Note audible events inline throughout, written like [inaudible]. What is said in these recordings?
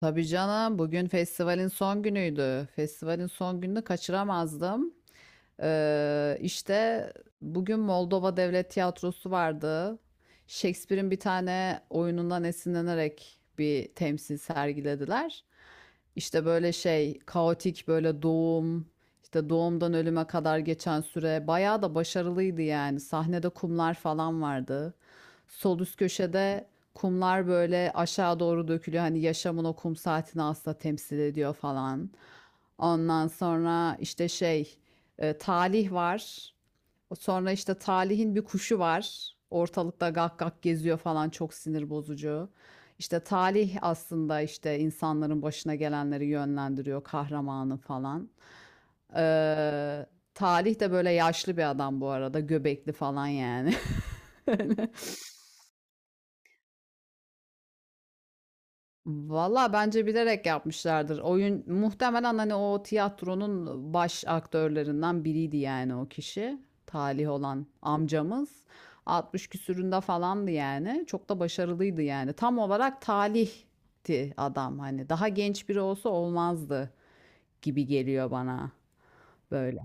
Tabii canım bugün festivalin son günüydü. Festivalin son gününü kaçıramazdım. İşte bugün Moldova Devlet Tiyatrosu vardı. Shakespeare'in bir tane oyunundan esinlenerek bir temsil sergilediler. İşte böyle şey kaotik böyle işte doğumdan ölüme kadar geçen süre bayağı da başarılıydı yani. Sahnede kumlar falan vardı. Sol üst köşede kumlar böyle aşağı doğru dökülüyor. Hani yaşamın o kum saatini aslında temsil ediyor falan. Ondan sonra işte şey talih var. Sonra işte Talih'in bir kuşu var. Ortalıkta gak gak geziyor falan, çok sinir bozucu. İşte Talih aslında işte insanların başına gelenleri yönlendiriyor kahramanı falan. Ee, Talih de böyle yaşlı bir adam bu arada, göbekli falan yani. Valla bence bilerek yapmışlardır. Oyun muhtemelen hani o tiyatronun baş aktörlerinden biriydi yani o kişi. Talih olan amcamız. 60 küsüründe falandı yani. Çok da başarılıydı yani. Tam olarak talihti adam hani. Daha genç biri olsa olmazdı gibi geliyor bana böyle.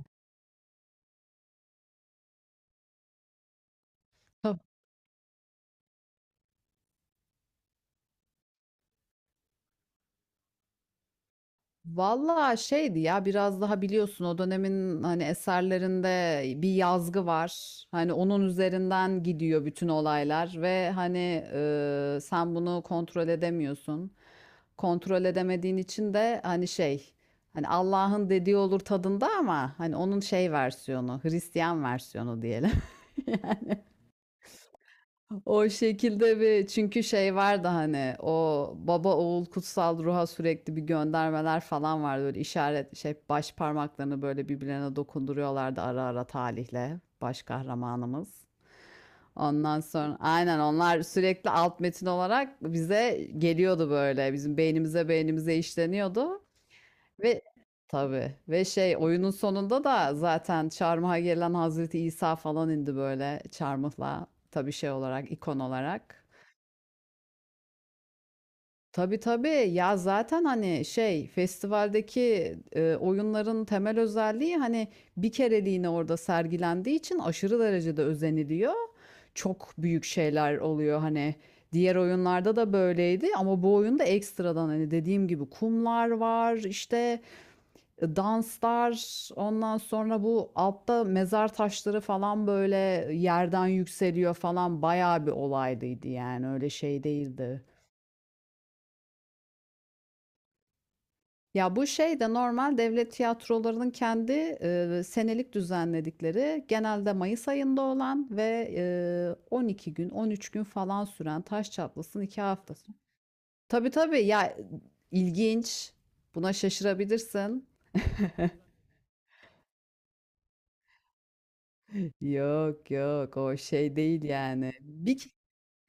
Vallahi şeydi ya, biraz daha biliyorsun o dönemin hani eserlerinde bir yazgı var. Hani onun üzerinden gidiyor bütün olaylar ve hani sen bunu kontrol edemiyorsun. Kontrol edemediğin için de hani şey, hani Allah'ın dediği olur tadında, ama hani onun şey versiyonu, Hristiyan versiyonu diyelim. O şekilde bir, çünkü şey vardı hani, o baba oğul kutsal ruha sürekli bir göndermeler falan vardı böyle, işaret, şey, baş parmaklarını böyle birbirlerine dokunduruyorlardı ara ara talihle baş kahramanımız. Ondan sonra aynen onlar sürekli alt metin olarak bize geliyordu, böyle bizim beynimize işleniyordu ve tabii, ve şey, oyunun sonunda da zaten çarmıha gelen Hazreti İsa falan indi böyle çarmıhla, tabii şey olarak, ikon olarak. Tabii, tabii. Ya, zaten, hani, şey, festivaldeki, oyunların temel özelliği, hani, bir kereliğine orada sergilendiği için aşırı derecede özeniliyor. Çok büyük şeyler oluyor, hani. Diğer oyunlarda da böyleydi ama bu oyunda ekstradan, hani, dediğim gibi kumlar var, işte, danslar, ondan sonra bu altta mezar taşları falan, böyle, yerden yükseliyor falan. Bayağı bir olaylıydı, yani, öyle şey değildi. Ya bu şey de normal devlet tiyatrolarının kendi senelik düzenledikleri, genelde Mayıs ayında olan ve 12 gün 13 gün falan süren, taş çatlasın 2 haftası. Tabii tabii ya, ilginç, buna şaşırabilirsin. [laughs] Yok yok, o şey değil yani.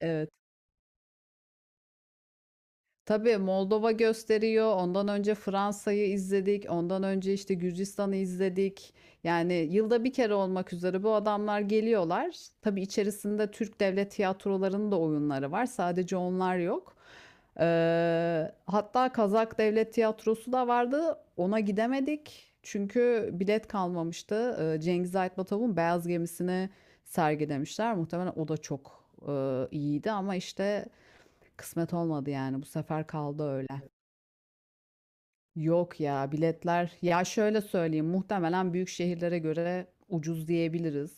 Evet. Tabii Moldova gösteriyor. Ondan önce Fransa'yı izledik. Ondan önce işte Gürcistan'ı izledik. Yani yılda bir kere olmak üzere bu adamlar geliyorlar. Tabii içerisinde Türk devlet tiyatrolarının da oyunları var. Sadece onlar yok. Hatta Kazak Devlet Tiyatrosu da vardı. Ona gidemedik, çünkü bilet kalmamıştı. Cengiz Aytmatov'un Beyaz Gemisi'ni sergilemişler. Muhtemelen o da çok iyiydi ama işte kısmet olmadı yani. Bu sefer kaldı öyle. Yok ya, biletler. Ya şöyle söyleyeyim, muhtemelen büyük şehirlere göre ucuz diyebiliriz.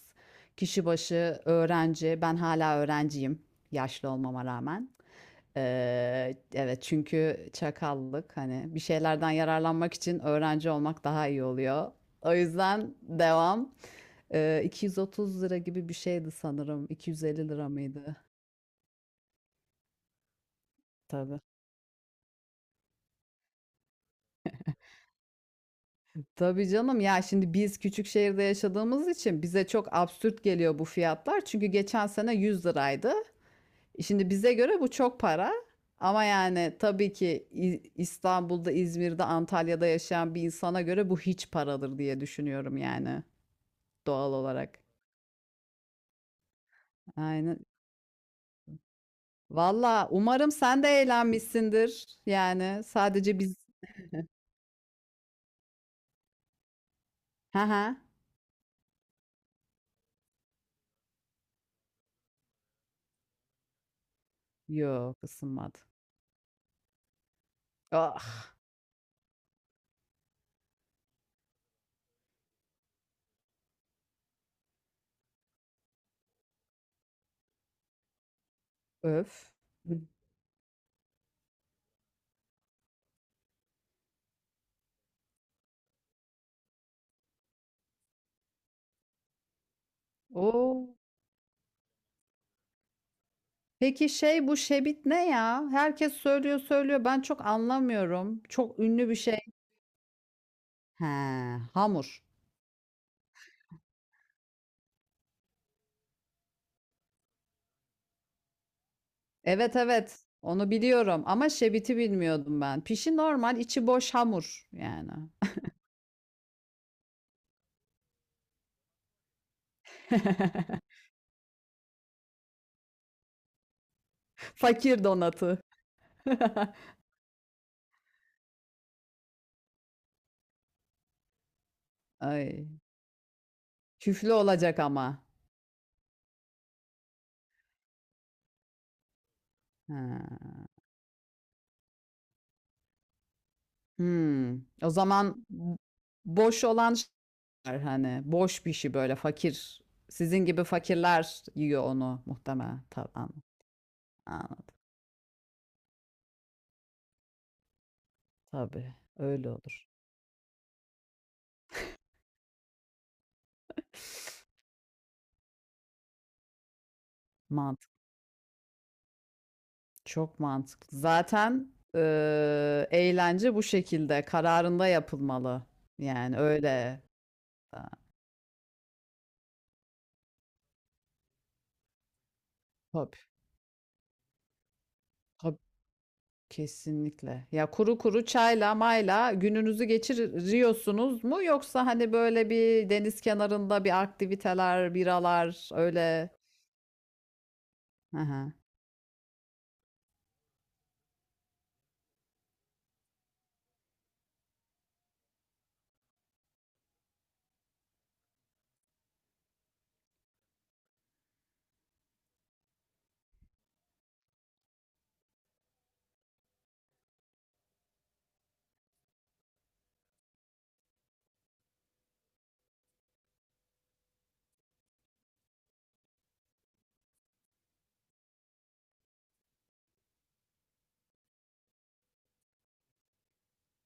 Kişi başı öğrenci. Ben hala öğrenciyim. Yaşlı olmama rağmen. Evet, çünkü çakallık, hani bir şeylerden yararlanmak için öğrenci olmak daha iyi oluyor. O yüzden devam. 230 lira gibi bir şeydi sanırım. 250 lira mıydı? Tabii. Tabii canım ya, şimdi biz küçük şehirde yaşadığımız için bize çok absürt geliyor bu fiyatlar. Çünkü geçen sene 100 liraydı. Şimdi bize göre bu çok para. Ama yani tabii ki İstanbul'da, İzmir'de, Antalya'da yaşayan bir insana göre bu hiç paradır diye düşünüyorum yani, doğal olarak. Aynen. Valla umarım sen de eğlenmişsindir. Yani sadece biz... Ha ha. Yok ısınmadı. Ah öf. Oo. Peki şey, bu şebit ne ya? Herkes söylüyor söylüyor, ben çok anlamıyorum. Çok ünlü bir şey. He, hamur. Evet evet. Onu biliyorum ama şebiti bilmiyordum ben. Pişi normal, içi boş hamur yani. [laughs] Fakir donatı. [laughs] Ay, küflü olacak ama. Ha. Hmm. O zaman boş olan şeyler, hani boş pişi, böyle fakir. Sizin gibi fakirler yiyor onu muhtemelen. Tamam. Anladım. Tabii öyle olur. Mantık, çok mantıklı. Zaten eğlence bu şekilde kararında yapılmalı. Yani öyle. Ha, tabii, tabii, kesinlikle. Ya kuru kuru çayla mayla gününüzü geçiriyorsunuz mu? Yoksa hani böyle bir deniz kenarında bir aktiviteler, biralar öyle. Hı hı.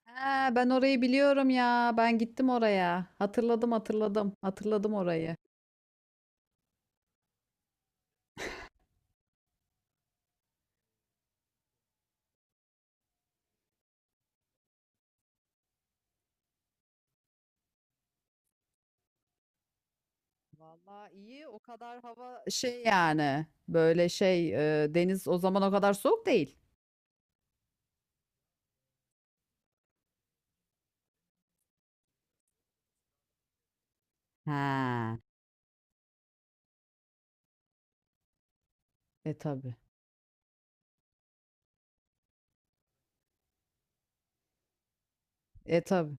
Ha, ben orayı biliyorum ya. Ben gittim oraya. Hatırladım hatırladım. Hatırladım orayı. Vallahi iyi, o kadar hava şey yani, böyle şey, deniz o zaman o kadar soğuk değil. Ha. E tabi. E tabi.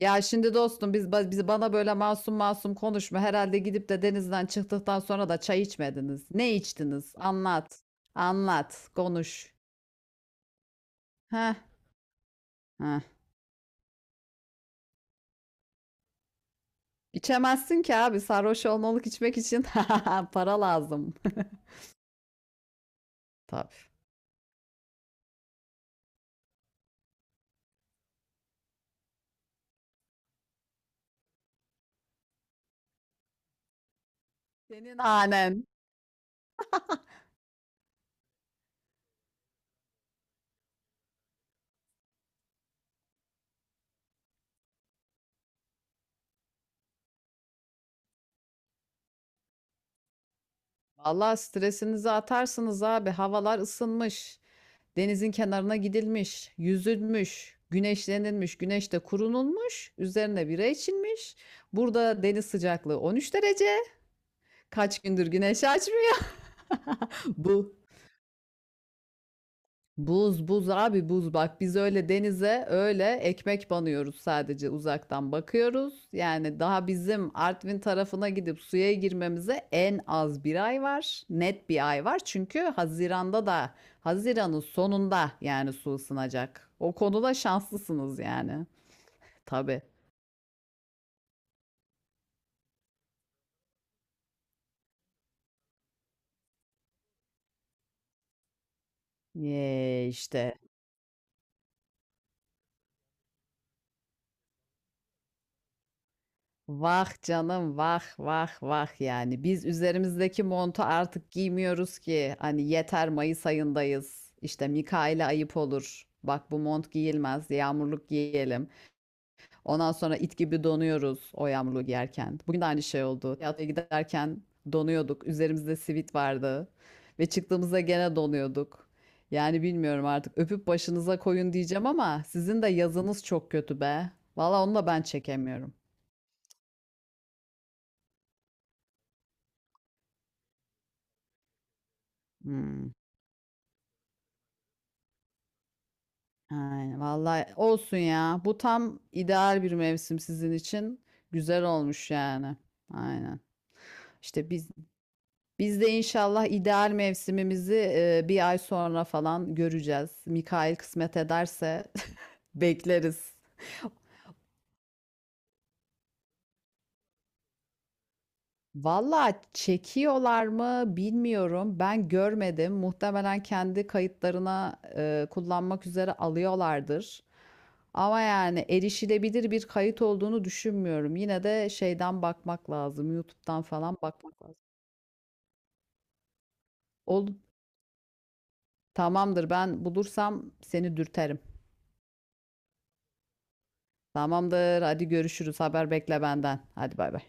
Ya şimdi dostum biz bana böyle masum masum konuşma. Herhalde gidip de denizden çıktıktan sonra da çay içmediniz. Ne içtiniz? Anlat. Anlat. Konuş. Ha. Ha. İçemezsin ki abi, sarhoş olmalık içmek için [laughs] para lazım. [laughs] Tabii. Senin hanen. Vallahi stresinizi atarsınız abi. Havalar ısınmış. Denizin kenarına gidilmiş, yüzülmüş, güneşlenilmiş, güneşte kurunulmuş, üzerine bira içilmiş. Burada deniz sıcaklığı 13 derece. Kaç gündür güneş açmıyor. [laughs] Bu Buz buz abi, buz, bak biz öyle denize öyle ekmek banıyoruz, sadece uzaktan bakıyoruz. Yani daha bizim Artvin tarafına gidip suya girmemize en az bir ay var. Net bir ay var, çünkü Haziran'da da Haziran'ın sonunda yani su ısınacak. O konuda şanslısınız yani. Tabii. Ye işte. Vah canım, vah vah vah, yani biz üzerimizdeki montu artık giymiyoruz ki, hani yeter, Mayıs ayındayız işte, Mikail'e ayıp olur, bak bu mont giyilmez, yağmurluk giyelim, ondan sonra it gibi donuyoruz o yağmurluğu giyerken. Bugün de aynı şey oldu, tiyatroya giderken donuyorduk, üzerimizde sivit vardı ve çıktığımızda gene donuyorduk. Yani bilmiyorum artık, öpüp başınıza koyun diyeceğim, ama sizin de yazınız çok kötü be, valla onu da ben çekemiyorum. Hmm. Aynen. Vallahi olsun ya. Bu tam ideal bir mevsim sizin için. Güzel olmuş yani. Aynen. İşte biz de inşallah ideal mevsimimizi bir ay sonra falan göreceğiz. Mikail kısmet ederse [laughs] bekleriz. Valla çekiyorlar mı bilmiyorum. Ben görmedim. Muhtemelen kendi kayıtlarına kullanmak üzere alıyorlardır. Ama yani erişilebilir bir kayıt olduğunu düşünmüyorum. Yine de şeyden bakmak lazım. YouTube'dan falan bakmak lazım. Ol, tamamdır. Ben bulursam seni dürterim. Tamamdır. Hadi görüşürüz. Haber bekle benden. Hadi bay bay.